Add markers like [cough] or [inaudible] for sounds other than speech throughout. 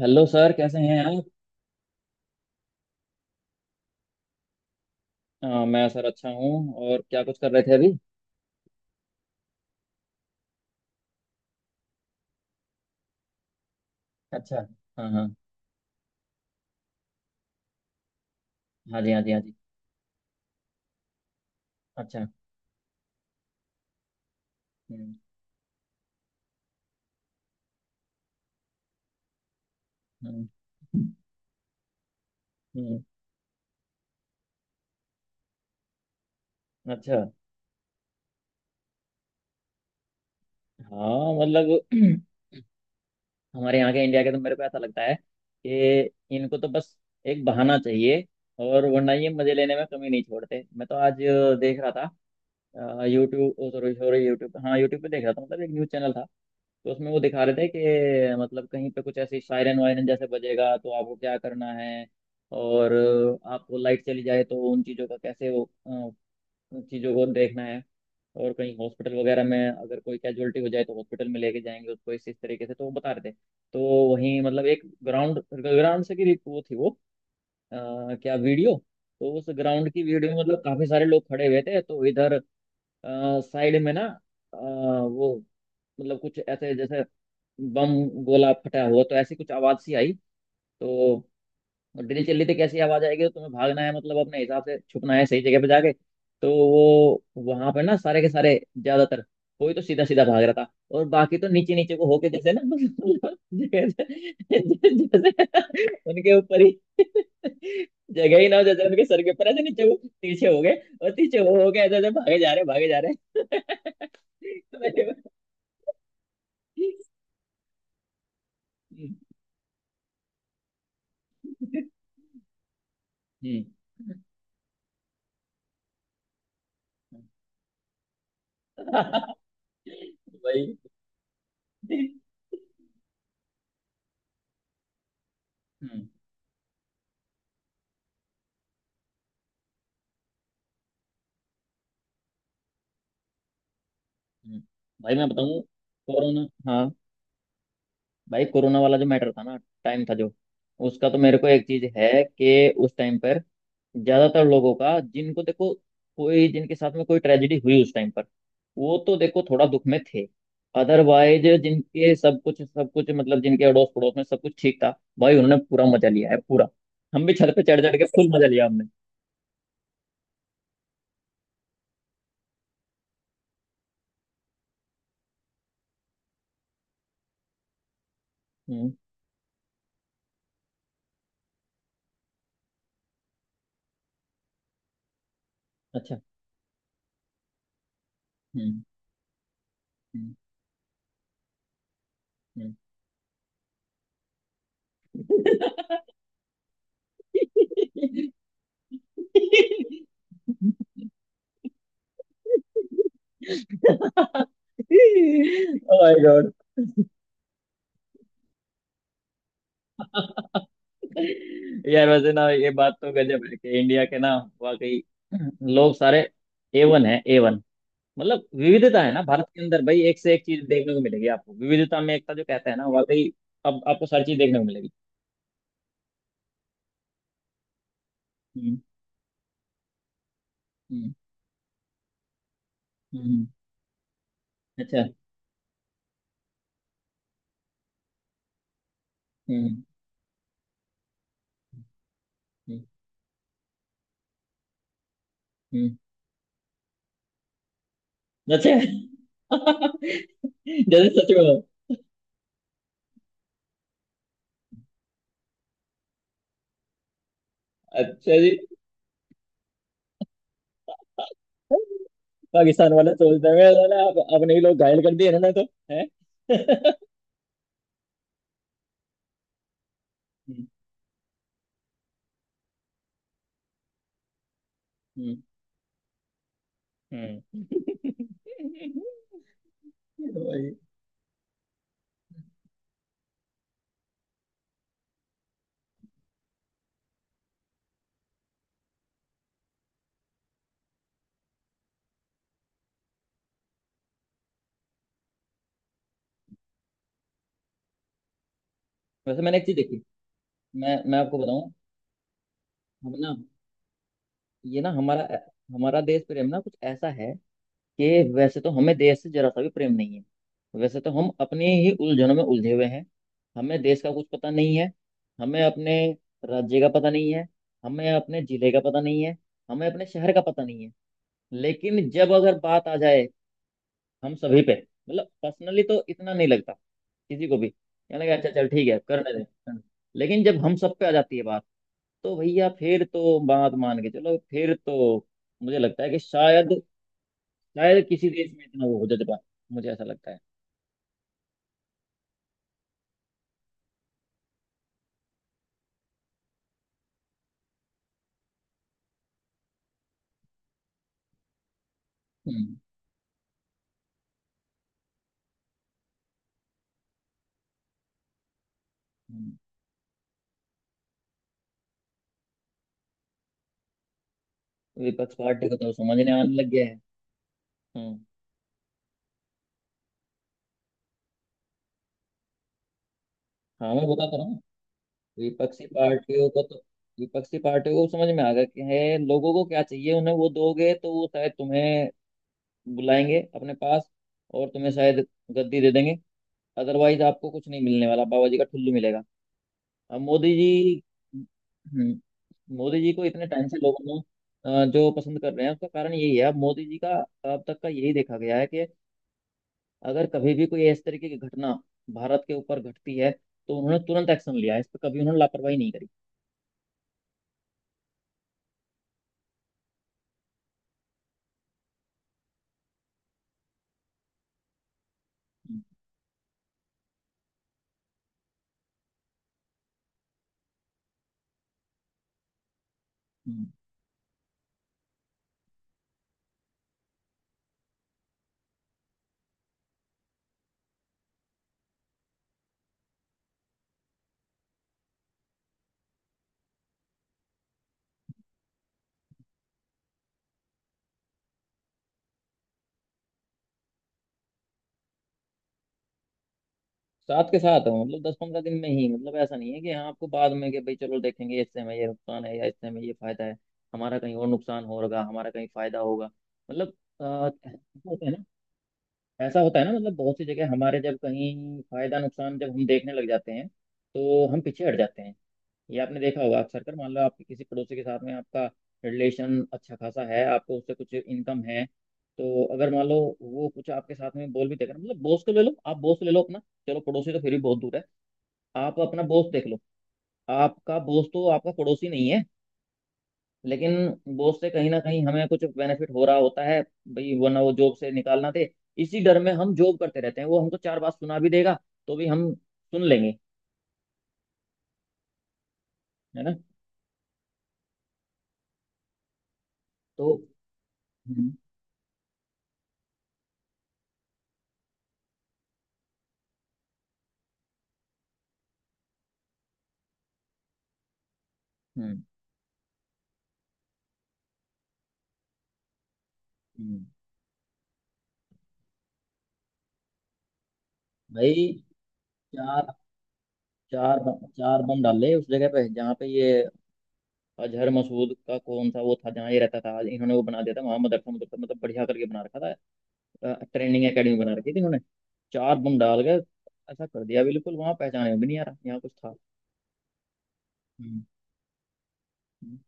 Hello sir, कैसे हैं आप? मैं सर अच्छा हूँ। और क्या कुछ कर रहे थे अभी? अच्छा। हाँ हाँ। हाँ जी, हाँ जी, हाँ जी। अच्छा। हम्म। हम्म। हम्म, अच्छा। हाँ, मतलब [clears throat] हमारे यहाँ के, इंडिया के तो मेरे को ऐसा लगता है कि इनको तो बस एक बहाना चाहिए। और वरना ये मजे लेने में कमी नहीं छोड़ते। मैं तो आज देख रहा था यूट्यूब, सॉरी सॉरी यूट्यूब हाँ यूट्यूब पे देख रहा था। मतलब एक न्यूज़ चैनल था, तो उसमें वो दिखा रहे थे कि मतलब कहीं पे कुछ ऐसी सायरन वायरन जैसे बजेगा तो आपको क्या करना है। और आपको लाइट चली जाए तो उन चीज़ों का कैसे वो, चीज़ों को देखना है। और कहीं हॉस्पिटल वगैरह में अगर कोई कैजुअलिटी हो जाए तो हॉस्पिटल में लेके जाएंगे उसको इस तरीके से, तो वो बता रहे थे। तो वहीं मतलब एक ग्राउंड ग्राउंड से की वो थी वो, क्या वीडियो। तो उस ग्राउंड की वीडियो में मतलब काफी सारे लोग खड़े हुए थे, तो इधर साइड में ना, वो मतलब कुछ ऐसे जैसे बम, गोला फटा हुआ, तो ऐसी कुछ आवाज सी आई। तो और ड्रिल चल रही थी, कैसी आवाज आएगी तो तुम्हें भागना है, मतलब अपने हिसाब से छुपना है सही जगह पे जाके। तो वो वहां पे ना, सारे के सारे ज्यादातर, कोई तो सीधा सीधा भाग रहा था। और बाकी तो नीचे नीचे को होके, जैसे ना [laughs] मतलब जैसे उनके ऊपर ही जगह ही ना हो, जैसे उनके सर के ऊपर ऐसे नीचे को पीछे हो गए। और पीछे वो हो गए, ऐसे ऐसे भागे जा रहे, भागे जा रहे। [laughs] हम्म। भाई। हम्म। हम्म। भाई मैं बताऊँ। कोरोना, हाँ। भाई कोरोना वाला जो मैटर था ना, टाइम था जो, उसका तो मेरे को एक चीज है कि उस टाइम पर ज्यादातर लोगों का, जिनको देखो, कोई जिनके साथ में कोई ट्रेजेडी हुई उस टाइम पर, वो तो देखो थोड़ा दुख में थे। अदरवाइज जिनके सब कुछ मतलब जिनके अड़ोस पड़ोस में सब कुछ ठीक था, भाई उन्होंने पूरा मजा लिया है, पूरा। हम भी छत पे चढ़ चढ़ के फुल मजा लिया हमने। हम्म। अच्छा। हम्म। हम्म। हम्म। [laughs] ओ माय गॉड। यार वैसे ना, ये बात तो गजब है कि इंडिया के ना, वाकई, लोग सारे ए वन है, ए वन। मतलब विविधता है ना भारत के अंदर भाई, एक से एक चीज देखने को मिलेगी आपको। विविधता में एकता जो कहते हैं ना, वाकई। अब आपको सारी चीज देखने को मिलेगी। हम्म। हम्म। हम्म, अच्छा। हम्म। हम्म। हम्म, अच्छा। [laughs] जैसे सच में हो। अच्छा जी। पाकिस्तान वाला सोचता है मैं, साला आप- अपने ही लोग घायल कर दिए ना, ना तो है। [laughs] हम्म। हम्म। हम्म। वही। वैसे मैंने एक चीज देखी, मैं आपको बताऊं। हम ना, ये ना हमारा हमारा देश प्रेम ना कुछ ऐसा है कि वैसे तो हमें देश से जरा सा भी प्रेम नहीं है। वैसे तो हम अपने ही उलझनों में उलझे हुए हैं। हमें देश का कुछ पता नहीं है। हमें अपने राज्य का पता नहीं है। हमें अपने जिले का पता नहीं है। हमें अपने शहर का पता नहीं है। लेकिन जब अगर बात आ जाए हम सभी पे, मतलब पर्सनली तो इतना नहीं लगता, किसी को भी, कहने लगा अच्छा चल ठीक है, करने दे करने दे। लेकिन जब हम सब पे आ जाती है बात, तो भैया फिर तो बात मान के चलो। फिर तो मुझे लगता है कि शायद, शायद किसी देश में इतना वो हो जज्बा, मुझे ऐसा लगता है। हम्म। हम्म। विपक्ष पार्टी को तो समझने आने लग गया है। हम्म। हाँ मैं बता तो रहा हूँ। विपक्षी पार्टियों को तो, विपक्षी पार्टियों को समझ में आ गया कि है, लोगों को क्या चाहिए उन्हें वो दोगे तो वो शायद तुम्हें बुलाएंगे अपने पास। और तुम्हें शायद गद्दी दे देंगे। अदरवाइज आपको कुछ नहीं मिलने वाला, बाबा जी का ठुल्लू मिलेगा। अब मोदी जी, हम्म, मोदी जी को इतने टाइम से लोगों ने जो पसंद कर रहे हैं उसका कारण यही है। अब मोदी जी का अब तक का यही देखा गया है कि अगर कभी भी कोई इस तरीके की घटना भारत के ऊपर घटती है तो उन्होंने तुरंत एक्शन लिया है इस पर, कभी उन्होंने लापरवाही नहीं करी। हम्म, हम्म। साथ के साथ हो, मतलब 10-15 दिन में ही, मतलब ऐसा नहीं है कि हाँ आपको बाद में कि भाई चलो देखेंगे इससे हमें ये नुकसान है या इससे हमें ये फायदा है, हमारा कहीं और नुकसान होगा, हमारा कहीं फायदा होगा, मतलब, अ, ऐसा होता है ना। ऐसा होता है ना, मतलब बहुत सी जगह हमारे, जब कहीं फायदा नुकसान जब हम देखने लग जाते हैं तो हम पीछे हट जाते हैं। ये आपने देखा होगा अक्सर, कर मान लो आपके किसी पड़ोसी के साथ में आपका रिलेशन अच्छा खासा है, आपको उससे कुछ इनकम है, तो अगर मान लो वो कुछ आपके साथ में बोल भी देगा, मतलब बॉस को ले लो, आप बॉस ले लो अपना। चलो पड़ोसी तो फिर भी बहुत दूर है, आप अपना बॉस देख लो। आपका बॉस तो आपका पड़ोसी नहीं है। लेकिन बॉस से कहीं ना कहीं हमें कुछ बेनिफिट हो रहा होता है भाई, वरना वो जॉब से निकालना दे। इसी डर में हम जॉब करते रहते हैं, वो हमको चार बात सुना भी देगा तो भी हम सुन लेंगे। है ना? तो, हम्म। हम्म। हम्म। भाई चार, चार बम डाल ले उस जगह पे जहाँ पे ये अजहर मसूद का, कौन सा वो था जहाँ ये रहता था, इन्होंने वो बना दिया था वहां, मदरसा मदरसा मतलब बढ़िया करके बना रखा था। ट्रेनिंग एकेडमी बना रखी थी इन्होंने। चार बम डाल के ऐसा कर दिया, बिल्कुल वहां पहचाने में भी नहीं आ रहा यहाँ कुछ था। हम्म, हम्म।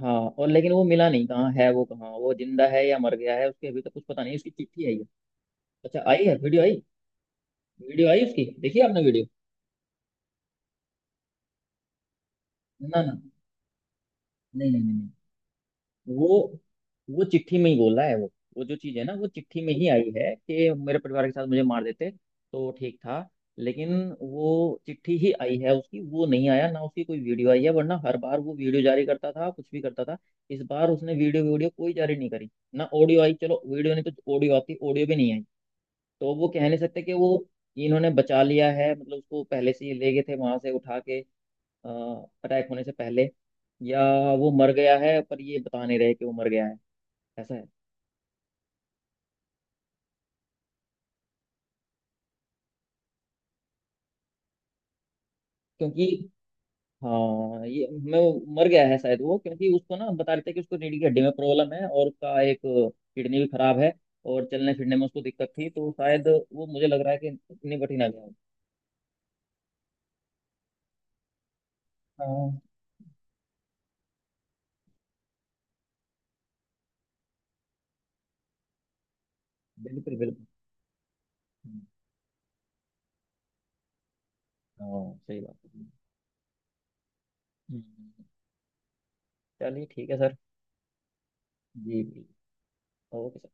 हाँ, और लेकिन वो मिला नहीं, कहाँ है वो, कहाँ, वो जिंदा है या मर गया है, उसके अभी तक कुछ पता नहीं। उसकी चिट्ठी आई है। अच्छा आई है, वीडियो आई? वीडियो आई उसकी? देखी आपने वीडियो? ना ना, नहीं नहीं नहीं नहीं। वो वो चिट्ठी में ही बोल रहा है। वो जो चीज है ना वो चिट्ठी में ही आई है कि मेरे परिवार के साथ मुझे मार देते तो ठीक था। लेकिन वो चिट्ठी ही आई है उसकी, वो नहीं आया ना, उसकी कोई वीडियो आई है? वरना हर बार वो वीडियो जारी करता था, कुछ भी करता था। इस बार उसने वीडियो वीडियो कोई जारी नहीं करी। ना ऑडियो आई, चलो वीडियो नहीं तो ऑडियो आती, ऑडियो भी नहीं आई। तो वो कह नहीं सकते कि वो, इन्होंने बचा लिया है, मतलब उसको पहले से ही ले गए थे वहां से उठा के, अ, अटैक होने से पहले। या वो मर गया है पर ये बता नहीं रहे कि वो मर गया है, ऐसा है। क्योंकि, हाँ ये, मैं, वो मर गया है शायद वो, क्योंकि उसको ना बता रहे थे कि उसको रीढ़ की हड्डी में प्रॉब्लम है और उसका एक किडनी भी खराब है। और चलने फिरने में उसको दिक्कत थी, तो शायद वो, मुझे लग रहा है कि निपट ही ना गया हो। हाँ, बिल्कुल बिल्कुल। हाँ सही बात है। हम्म, चलिए ठीक है सर। जी जी। ओके।